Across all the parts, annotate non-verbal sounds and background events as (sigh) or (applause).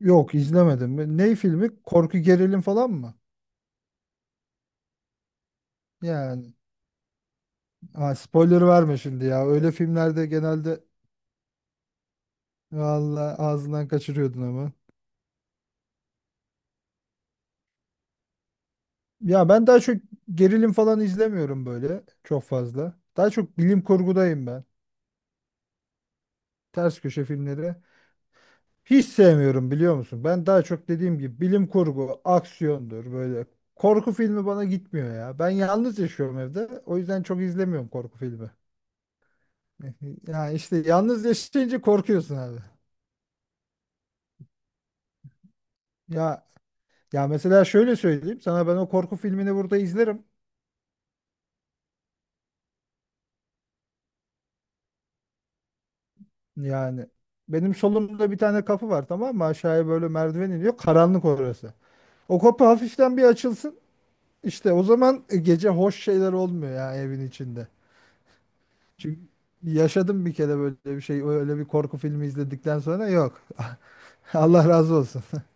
Yok izlemedim. Ney filmi? Korku gerilim falan mı? Yani ha, spoiler verme şimdi ya. Öyle filmlerde genelde vallahi ağzından kaçırıyordun ama. Ya ben daha çok gerilim falan izlemiyorum böyle çok fazla. Daha çok bilim kurgudayım ben. Ters köşe filmleri. Hiç sevmiyorum biliyor musun? Ben daha çok dediğim gibi bilim kurgu, aksiyondur böyle. Korku filmi bana gitmiyor ya. Ben yalnız yaşıyorum evde. O yüzden çok izlemiyorum korku filmi. (laughs) Ya işte yalnız yaşayınca korkuyorsun abi. Ya ya mesela şöyle söyleyeyim sana ben o korku filmini burada izlerim. Yani benim solumda bir tane kapı var tamam mı? Aşağıya böyle merdiven iniyor. Karanlık orası. O kapı hafiften bir açılsın. İşte o zaman gece hoş şeyler olmuyor ya evin içinde. Çünkü yaşadım bir kere böyle bir şey. Öyle bir korku filmi izledikten sonra yok. (laughs) Allah razı olsun. (laughs)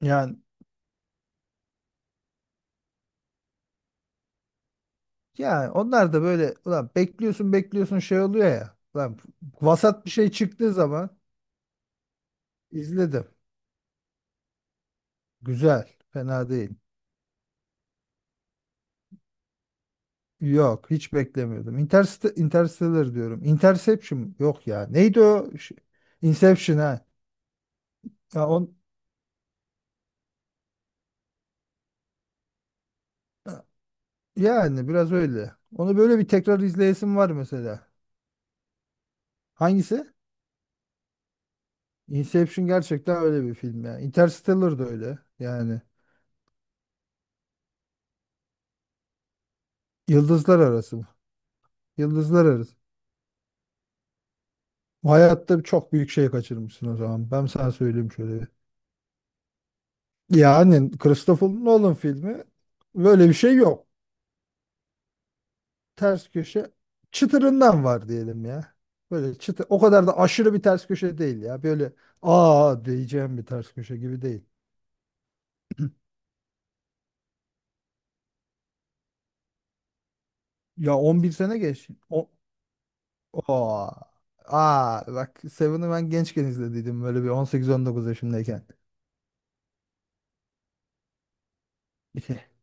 Yani yani onlar da böyle ulan bekliyorsun bekliyorsun şey oluyor ya. Ulan vasat bir şey çıktığı zaman izledim. Güzel. Fena değil. Yok. Hiç beklemiyordum. Interstellar diyorum. Interception. Yok ya. Neydi o? Inception ha. Ya on, yani biraz öyle. Onu böyle bir tekrar izleyesim var mesela. Hangisi? Inception gerçekten öyle bir film ya. Interstellar da öyle. Yani Yıldızlar Arası mı? Yıldızlar Arası. Bu hayatta çok büyük şey kaçırmışsın o zaman. Ben sana söyleyeyim şöyle bir. Yani Christopher Nolan filmi böyle bir şey yok. Ters köşe çıtırından var diyelim ya. Böyle çıtır, o kadar da aşırı bir ters köşe değil ya. Böyle aa diyeceğim bir ters köşe gibi değil. Ya 11 sene geç. Aa, aa bak Seven'ı ben gençken izlediydim böyle bir 18 19 yaşındayken. (laughs)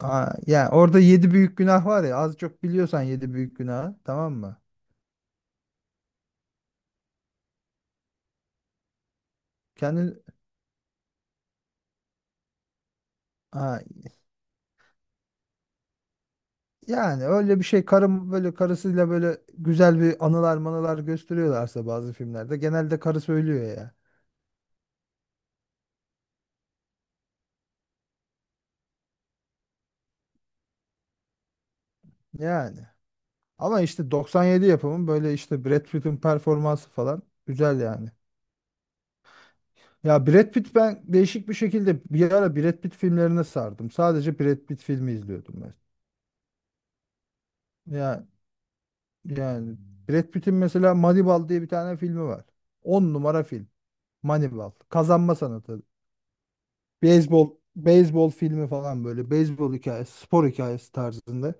Aa, yani orada yedi büyük günah var ya az çok biliyorsan yedi büyük günah tamam mı? Kendin Yani öyle bir şey karım böyle karısıyla böyle güzel bir anılar manılar gösteriyorlarsa bazı filmlerde genelde karısı ölüyor ya. Yani. Ama işte 97 yapımın böyle işte Brad Pitt'in performansı falan güzel yani. Ya Brad Pitt ben değişik bir şekilde bir ara Brad Pitt filmlerine sardım. Sadece Brad Pitt filmi izliyordum ben. Ya yani Brad Pitt'in mesela Moneyball diye bir tane filmi var. On numara film. Moneyball. Kazanma sanatı. Beyzbol filmi falan böyle. Beyzbol hikayesi, spor hikayesi tarzında.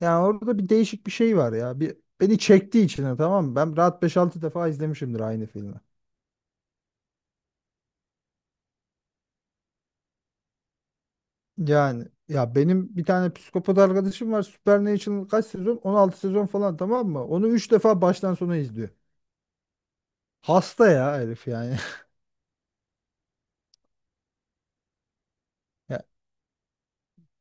Yani orada bir değişik bir şey var ya. Bir, beni çektiği içine, tamam mı? Ben rahat beş altı defa izlemişimdir aynı filmi. Yani ya benim bir tane psikopat arkadaşım var. Supernatural kaç sezon? 16 sezon falan tamam mı? Onu 3 defa baştan sona izliyor. Hasta ya herif yani. (laughs) Ya,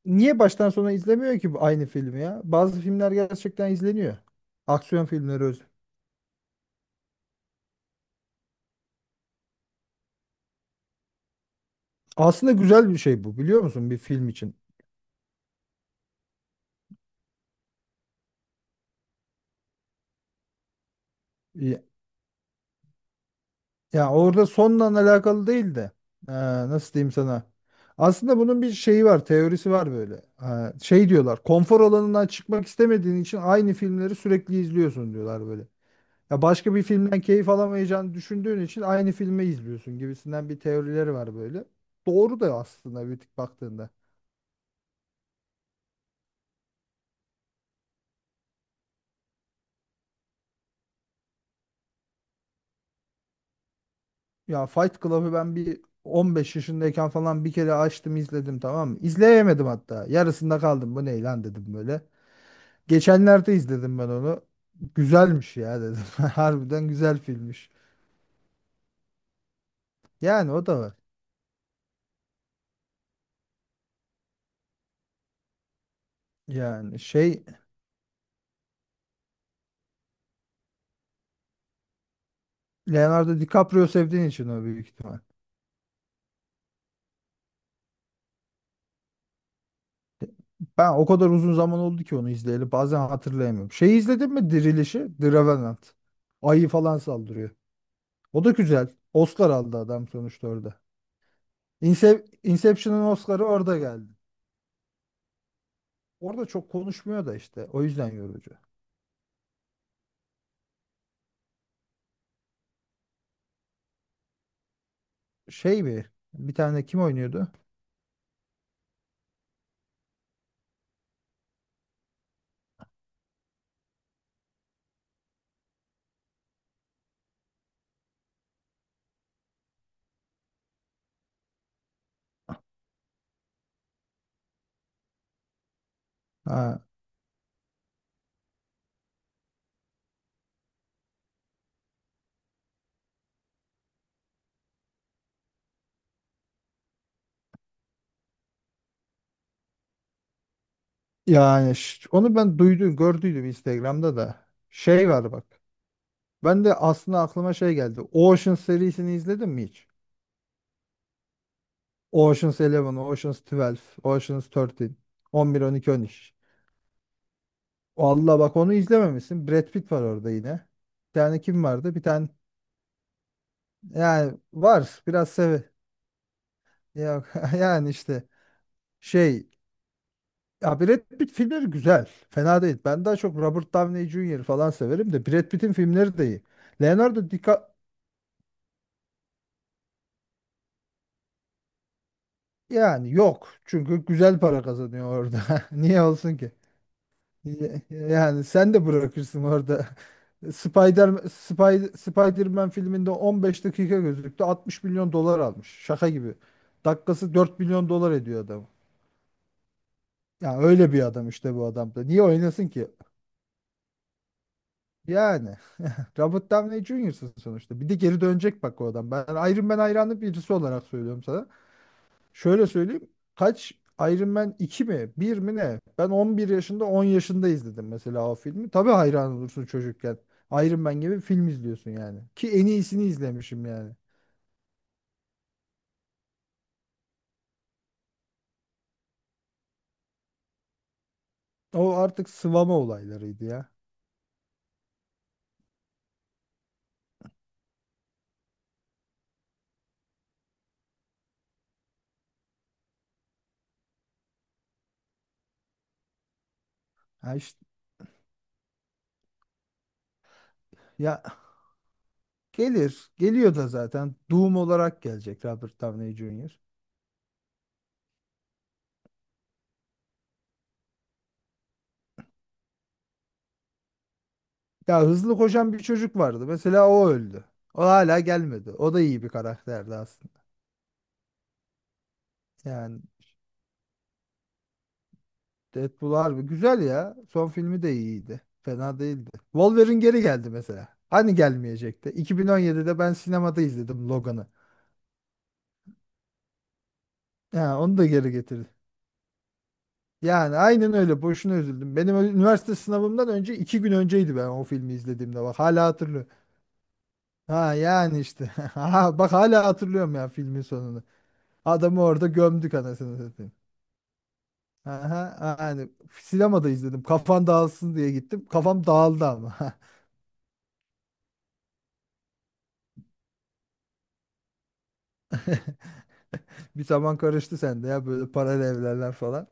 niye baştan sona izlemiyor ki bu aynı filmi ya? Bazı filmler gerçekten izleniyor. Aksiyon filmleri öz. Aslında güzel bir şey bu biliyor musun bir film için? Ee, Ya orada sonla alakalı değil de eee, nasıl diyeyim sana? Aslında bunun bir şeyi var, teorisi var böyle. Şey diyorlar, konfor alanından çıkmak istemediğin için aynı filmleri sürekli izliyorsun diyorlar böyle. Ya başka bir filmden keyif alamayacağını düşündüğün için aynı filmi izliyorsun gibisinden bir teorileri var böyle. Doğru da aslında bir tık baktığında. Ya Fight Club'ı ben bir 15 yaşındayken falan bir kere açtım izledim tamam mı? İzleyemedim hatta. Yarısında kaldım. Bu ne lan dedim böyle. Geçenlerde izledim ben onu. Güzelmiş ya dedim. (laughs) Harbiden güzel filmmiş. Yani o da var. Yani Leonardo DiCaprio sevdiğin için o büyük ihtimal. Ben o kadar uzun zaman oldu ki onu izleyeli bazen hatırlayamıyorum. Şeyi izledin mi Dirilişi? The Revenant. Ayı falan saldırıyor. O da güzel. Oscar aldı adam sonuçta orada. Inception'ın Oscar'ı orada geldi. Orada çok konuşmuyor da işte. O yüzden yorucu. Şey bir bir tane kim oynuyordu? Ha. Yani onu ben duydum, gördüydüm Instagram'da da. Şey var bak. Ben de aslında aklıma şey geldi. Ocean serisini izledin mi hiç? Ocean's Eleven, Ocean's 12, Ocean's thirteen, 11, 12, 13. Vallahi bak onu izlememişsin. Brad Pitt var orada yine. Bir tane kim vardı? Bir tane yani var. Biraz seve. Ya, (laughs) yani işte şey ya Brad Pitt filmleri güzel. Fena değil. Ben daha çok Robert Downey Jr. falan severim de Brad Pitt'in filmleri de iyi. Leonardo DiCaprio. Yani yok. Çünkü güzel para kazanıyor orada. (laughs) Niye olsun ki? Yani sen de bırakırsın orada. (laughs) Spider-Man filminde 15 dakika gözüktü. 60 milyon dolar almış. Şaka gibi. Dakikası 4 milyon dolar ediyor adam. Ya öyle bir adam işte bu adam da. Niye oynasın ki? Yani (laughs) Robert Downey Jr.'sın sonuçta. Bir de geri dönecek bak o adam. Ben Iron Man hayranı birisi olarak söylüyorum sana. Şöyle söyleyeyim. Kaç Iron Man 2 mi? Bir mi ne? Ben 11 yaşında 10 yaşında izledim mesela o filmi. Tabii hayran olursun çocukken. Iron Man gibi film izliyorsun yani. Ki en iyisini izlemişim yani. O artık sıvama olaylarıydı ya. Ha işte, ya gelir. Geliyor da zaten. Doom olarak gelecek Robert Downey Jr. Ya hızlı koşan bir çocuk vardı. Mesela o öldü. O hala gelmedi. O da iyi bir karakterdi aslında. Yani Deadpool harbi güzel ya. Son filmi de iyiydi. Fena değildi. Wolverine geri geldi mesela. Hani gelmeyecekti. 2017'de ben sinemada izledim Logan'ı. Ha, onu da geri getirdi. Yani aynen öyle. Boşuna üzüldüm. Benim üniversite sınavımdan önce iki gün önceydi ben o filmi izlediğimde. Bak hala hatırlıyorum. Ha yani işte. (laughs) Ha, bak hala hatırlıyorum ya filmin sonunu. Adamı orada gömdük anasını satayım. Aha, yani sinemada izledim. Kafan dağılsın diye gittim. Kafam dağıldı ama. (laughs) Bir taban karıştı sende ya böyle paralel evlerler falan.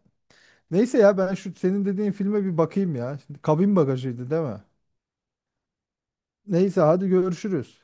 Neyse ya ben şu senin dediğin filme bir bakayım ya. Şimdi Kabin Bagajıydı değil mi? Neyse hadi görüşürüz.